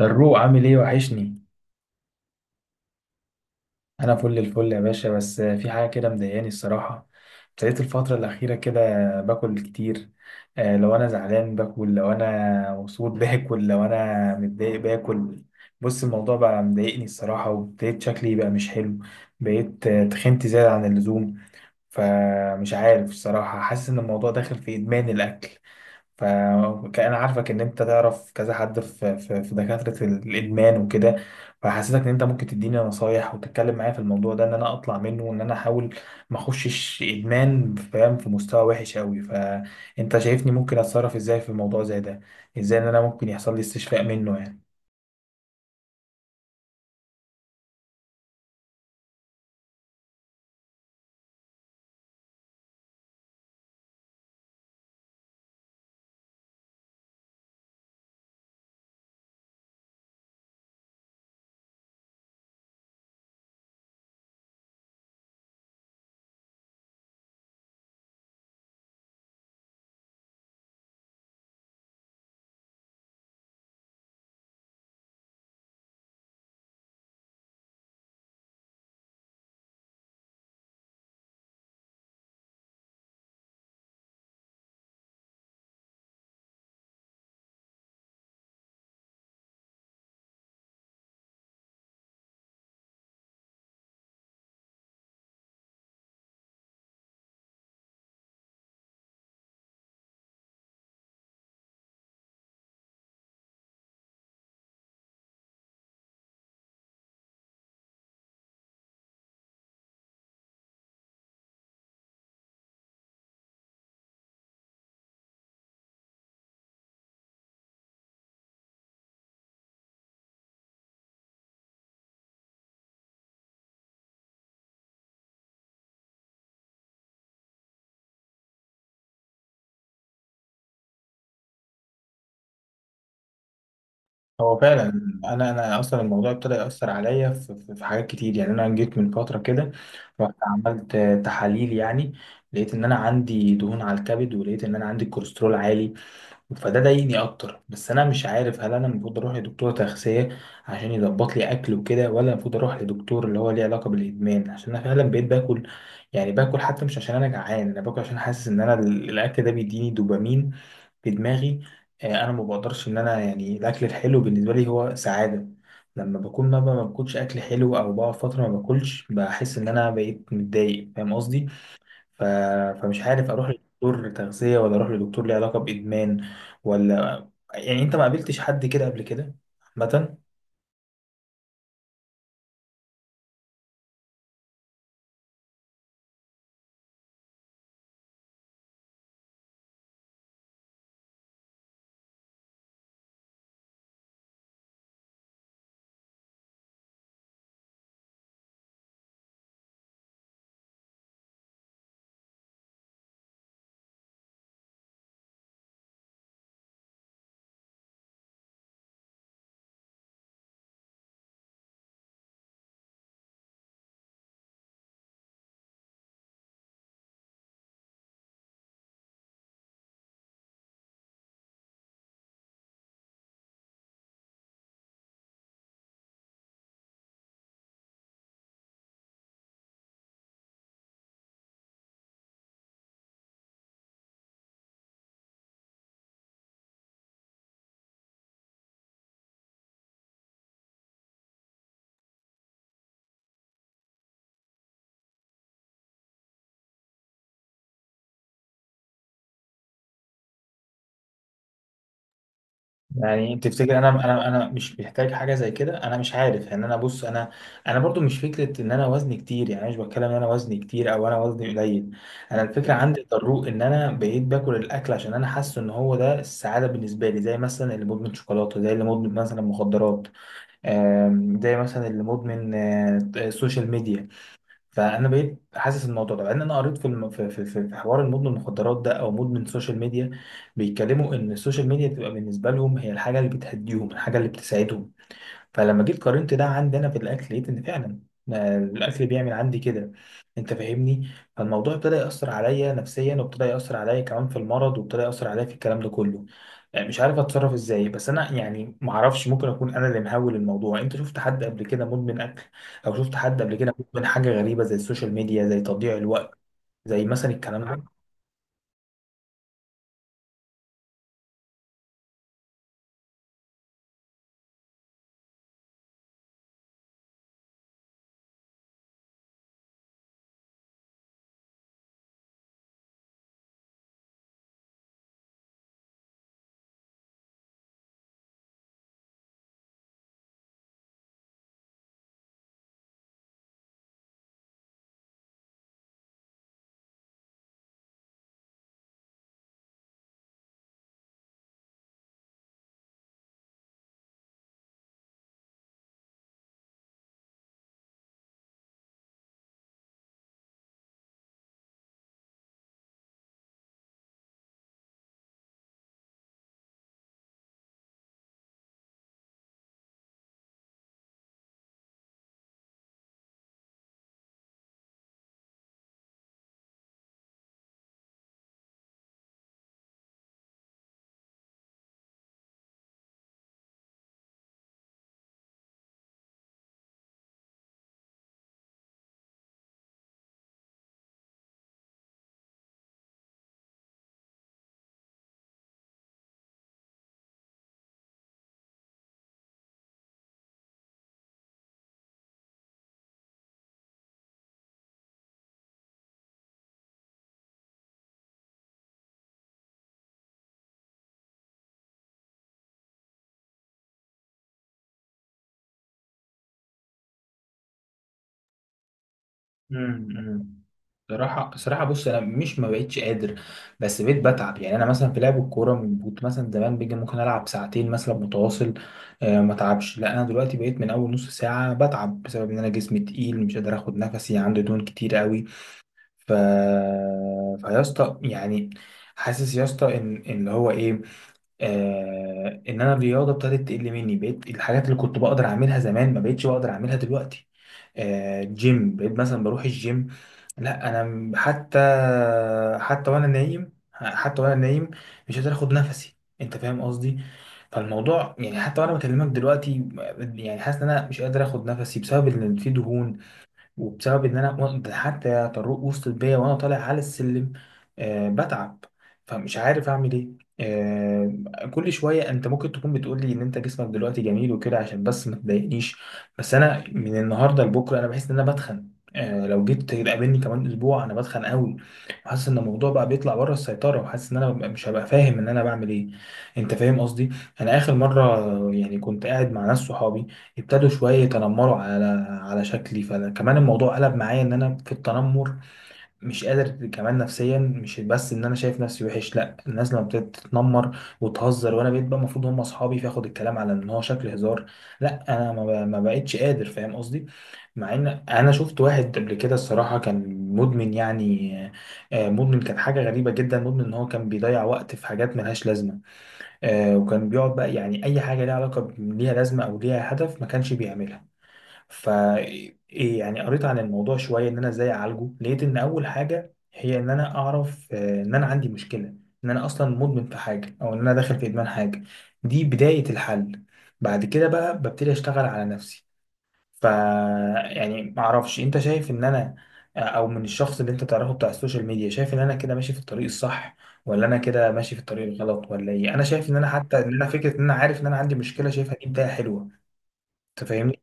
الروق عامل ايه؟ وحشني. انا فل الفل يا باشا، بس في حاجه كده مضايقاني الصراحه. ابتديت الفتره الاخيره كده باكل كتير. لو انا زعلان باكل، لو انا مبسوط باكل، لو انا متضايق باكل. بص، الموضوع بقى مضايقني الصراحه، وابتديت شكلي بقى مش حلو. بقيت تخنت زياده عن اللزوم. فمش عارف الصراحة، حاسس إن الموضوع داخل في إدمان الأكل. فكأن عارفك إن أنت تعرف كذا حد في دكاترة الإدمان وكده. فحسيتك إن أنت ممكن تديني نصايح وتتكلم معايا في الموضوع ده، إن أنا أطلع منه وإن أنا أحاول ما أخشش إدمان، فاهم؟ في مستوى وحش أوي. فأنت شايفني ممكن أتصرف إزاي في الموضوع زي ده؟ إزاي إن أنا ممكن يحصل لي استشفاء منه يعني؟ هو فعلا انا اصلا الموضوع ابتدى ياثر عليا في حاجات كتير. يعني انا جيت من فتره كده، رحت عملت تحاليل يعني، لقيت ان انا عندي دهون على الكبد، ولقيت ان انا عندي كوليسترول عالي. فده ضايقني اكتر. بس انا مش عارف، هل انا المفروض اروح لدكتور تغذيه عشان يظبط لي اكل وكده، ولا المفروض اروح لدكتور اللي هو ليه علاقه بالادمان، عشان انا فعلا بقيت باكل؟ يعني باكل حتى مش عشان انا جعان، انا باكل عشان حاسس ان انا الاكل ده بيديني دوبامين في دماغي. انا ما بقدرش ان انا يعني الاكل الحلو بالنسبه لي هو سعاده. لما بكون ما باكلش اكل حلو، او بقعد فتره ما باكلش، بحس ان انا بقيت متضايق. فاهم قصدي؟ ف... فمش عارف اروح لدكتور تغذيه، ولا اروح لدكتور ليه علاقه بادمان، ولا يعني، انت ما قابلتش حد كده قبل كده عامه؟ يعني تفتكر انا انا مش محتاج حاجه زي كده؟ انا مش عارف يعني. انا بص، انا انا برضو مش فكره ان انا وزني كتير. يعني أنا مش بتكلم ان انا وزني كتير او انا وزني قليل. انا الفكره عندي تضرق ان انا بقيت باكل الاكل، عشان انا حاسس ان هو ده السعاده بالنسبه لي. زي مثلا اللي مدمن شوكولاته، زي اللي مدمن مثلا مخدرات. زي مثلا اللي مدمن سوشيال ميديا. فانا بقيت حاسس الموضوع ده، لان انا قريت في في في حوار المدمن المخدرات ده او مدمن السوشيال ميديا، بيتكلموا ان السوشيال ميديا بتبقى بالنسبه لهم هي الحاجه اللي بتهديهم، الحاجه اللي بتساعدهم. فلما جيت قارنت ده عندنا في الاكل، لقيت ان فعلا ما الاكل بيعمل عندي كده. انت فاهمني؟ فالموضوع ابتدى ياثر عليا نفسيا، وابتدى ياثر عليا كمان في المرض، وابتدى ياثر عليا في الكلام ده كله. يعني مش عارف اتصرف ازاي. بس انا يعني ما اعرفش، ممكن اكون انا اللي مهول الموضوع. انت شفت حد قبل كده مدمن اكل؟ او شفت حد قبل كده مدمن حاجه غريبه زي السوشيال ميديا، زي تضييع الوقت، زي مثلا الكلام ده؟ امم، صراحة صراحة، بص، أنا مش ما بقتش قادر، بس بقيت بتعب. يعني أنا مثلا في لعب الكورة، من كنت مثلا زمان بيجي ممكن ألعب ساعتين مثلا متواصل آه ما تعبش. لا، أنا دلوقتي بقيت من أول نص ساعة بتعب، بسبب إن أنا جسمي تقيل، مش قادر آخد نفسي، عندي دهون كتير قوي. ف فيا اسطى يعني، حاسس يا اسطى إن، إن اللي هو إيه، آه، إن أنا الرياضة ابتدت تقل مني. بقيت الحاجات اللي كنت بقدر أعملها زمان ما بقتش بقدر أعملها دلوقتي. جيم، بقيت مثلا بروح الجيم، لا انا حتى. حتى وانا نايم، حتى وانا نايم مش قادر اخد نفسي. انت فاهم قصدي؟ فالموضوع يعني حتى وانا بكلمك دلوقتي، يعني حاسس ان انا مش قادر اخد نفسي، بسبب ان في دهون، وبسبب ان انا ده حتى طرق وصلت بيا وانا طالع على السلم، آه بتعب. فمش عارف اعمل ايه. آه، كل شويه انت ممكن تكون بتقول لي ان انت جسمك دلوقتي جميل وكده عشان بس ما تضايقنيش، بس انا من النهارده لبكره انا بحس ان انا بتخن. آه، لو جيت تقابلني كمان اسبوع انا بتخن قوي. وحاسس ان الموضوع بقى بيطلع بره السيطره، وحاسس ان انا مش هبقى فاهم ان انا بعمل ايه. انت فاهم قصدي؟ انا اخر مره يعني كنت قاعد مع ناس صحابي، ابتدوا شوية يتنمروا على، على شكلي. فكمان الموضوع قلب معايا ان انا في التنمر. مش قادر كمان نفسيا، مش بس ان انا شايف نفسي وحش، لا، الناس لما ابتدت تتنمر وتهزر وانا بقيت بقى المفروض هم اصحابي، فاخد الكلام على ان هو شكل هزار، لا انا ما بقتش قادر. فاهم قصدي؟ مع ان انا شفت واحد قبل كده الصراحة، كان مدمن يعني. مدمن، كان حاجة غريبة جدا. مدمن ان هو كان بيضيع وقت في حاجات ملهاش لازمة. وكان بيقعد بقى يعني اي حاجة ليها علاقة ليها لازمة او ليها هدف ما كانش بيعملها. ف إيه يعني، قريت عن الموضوع شويه ان انا ازاي اعالجه. لقيت ان اول حاجه هي ان انا اعرف ان انا عندي مشكله، ان انا اصلا مدمن في حاجه، او ان انا داخل في ادمان حاجه. دي بدايه الحل. بعد كده بقى ببتدي اشتغل على نفسي. ف يعني ما اعرفش، انت شايف ان انا او من الشخص اللي انت تعرفه بتاع السوشيال ميديا، شايف ان انا كده ماشي في الطريق الصح، ولا انا كده ماشي في الطريق الغلط، ولا ايه؟ انا شايف ان انا حتى، ان انا فكره ان انا عارف ان انا عندي مشكله شايفها، دي بدايه حلوه. انت فاهمني؟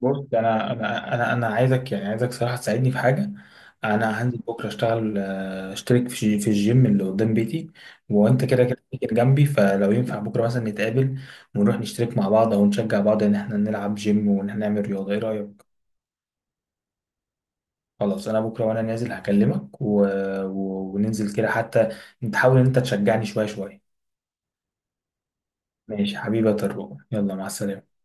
بص انا انا عايزك، يعني عايزك صراحه تساعدني في حاجه. انا هنزل بكره اشتغل، اشترك في الجيم اللي قدام بيتي، وانت كده جنبي، فلو ينفع بكره مثلا نتقابل ونروح نشترك مع بعض، او نشجع بعض ان احنا نلعب جيم، وان احنا نعمل رياضه. ايه رايك؟ خلاص، انا بكره وانا نازل هكلمك، وننزل كده حتى تحاول ان انت تشجعني شويه شويه. ماشي حبيبي يا طارق، يلا مع السلامه.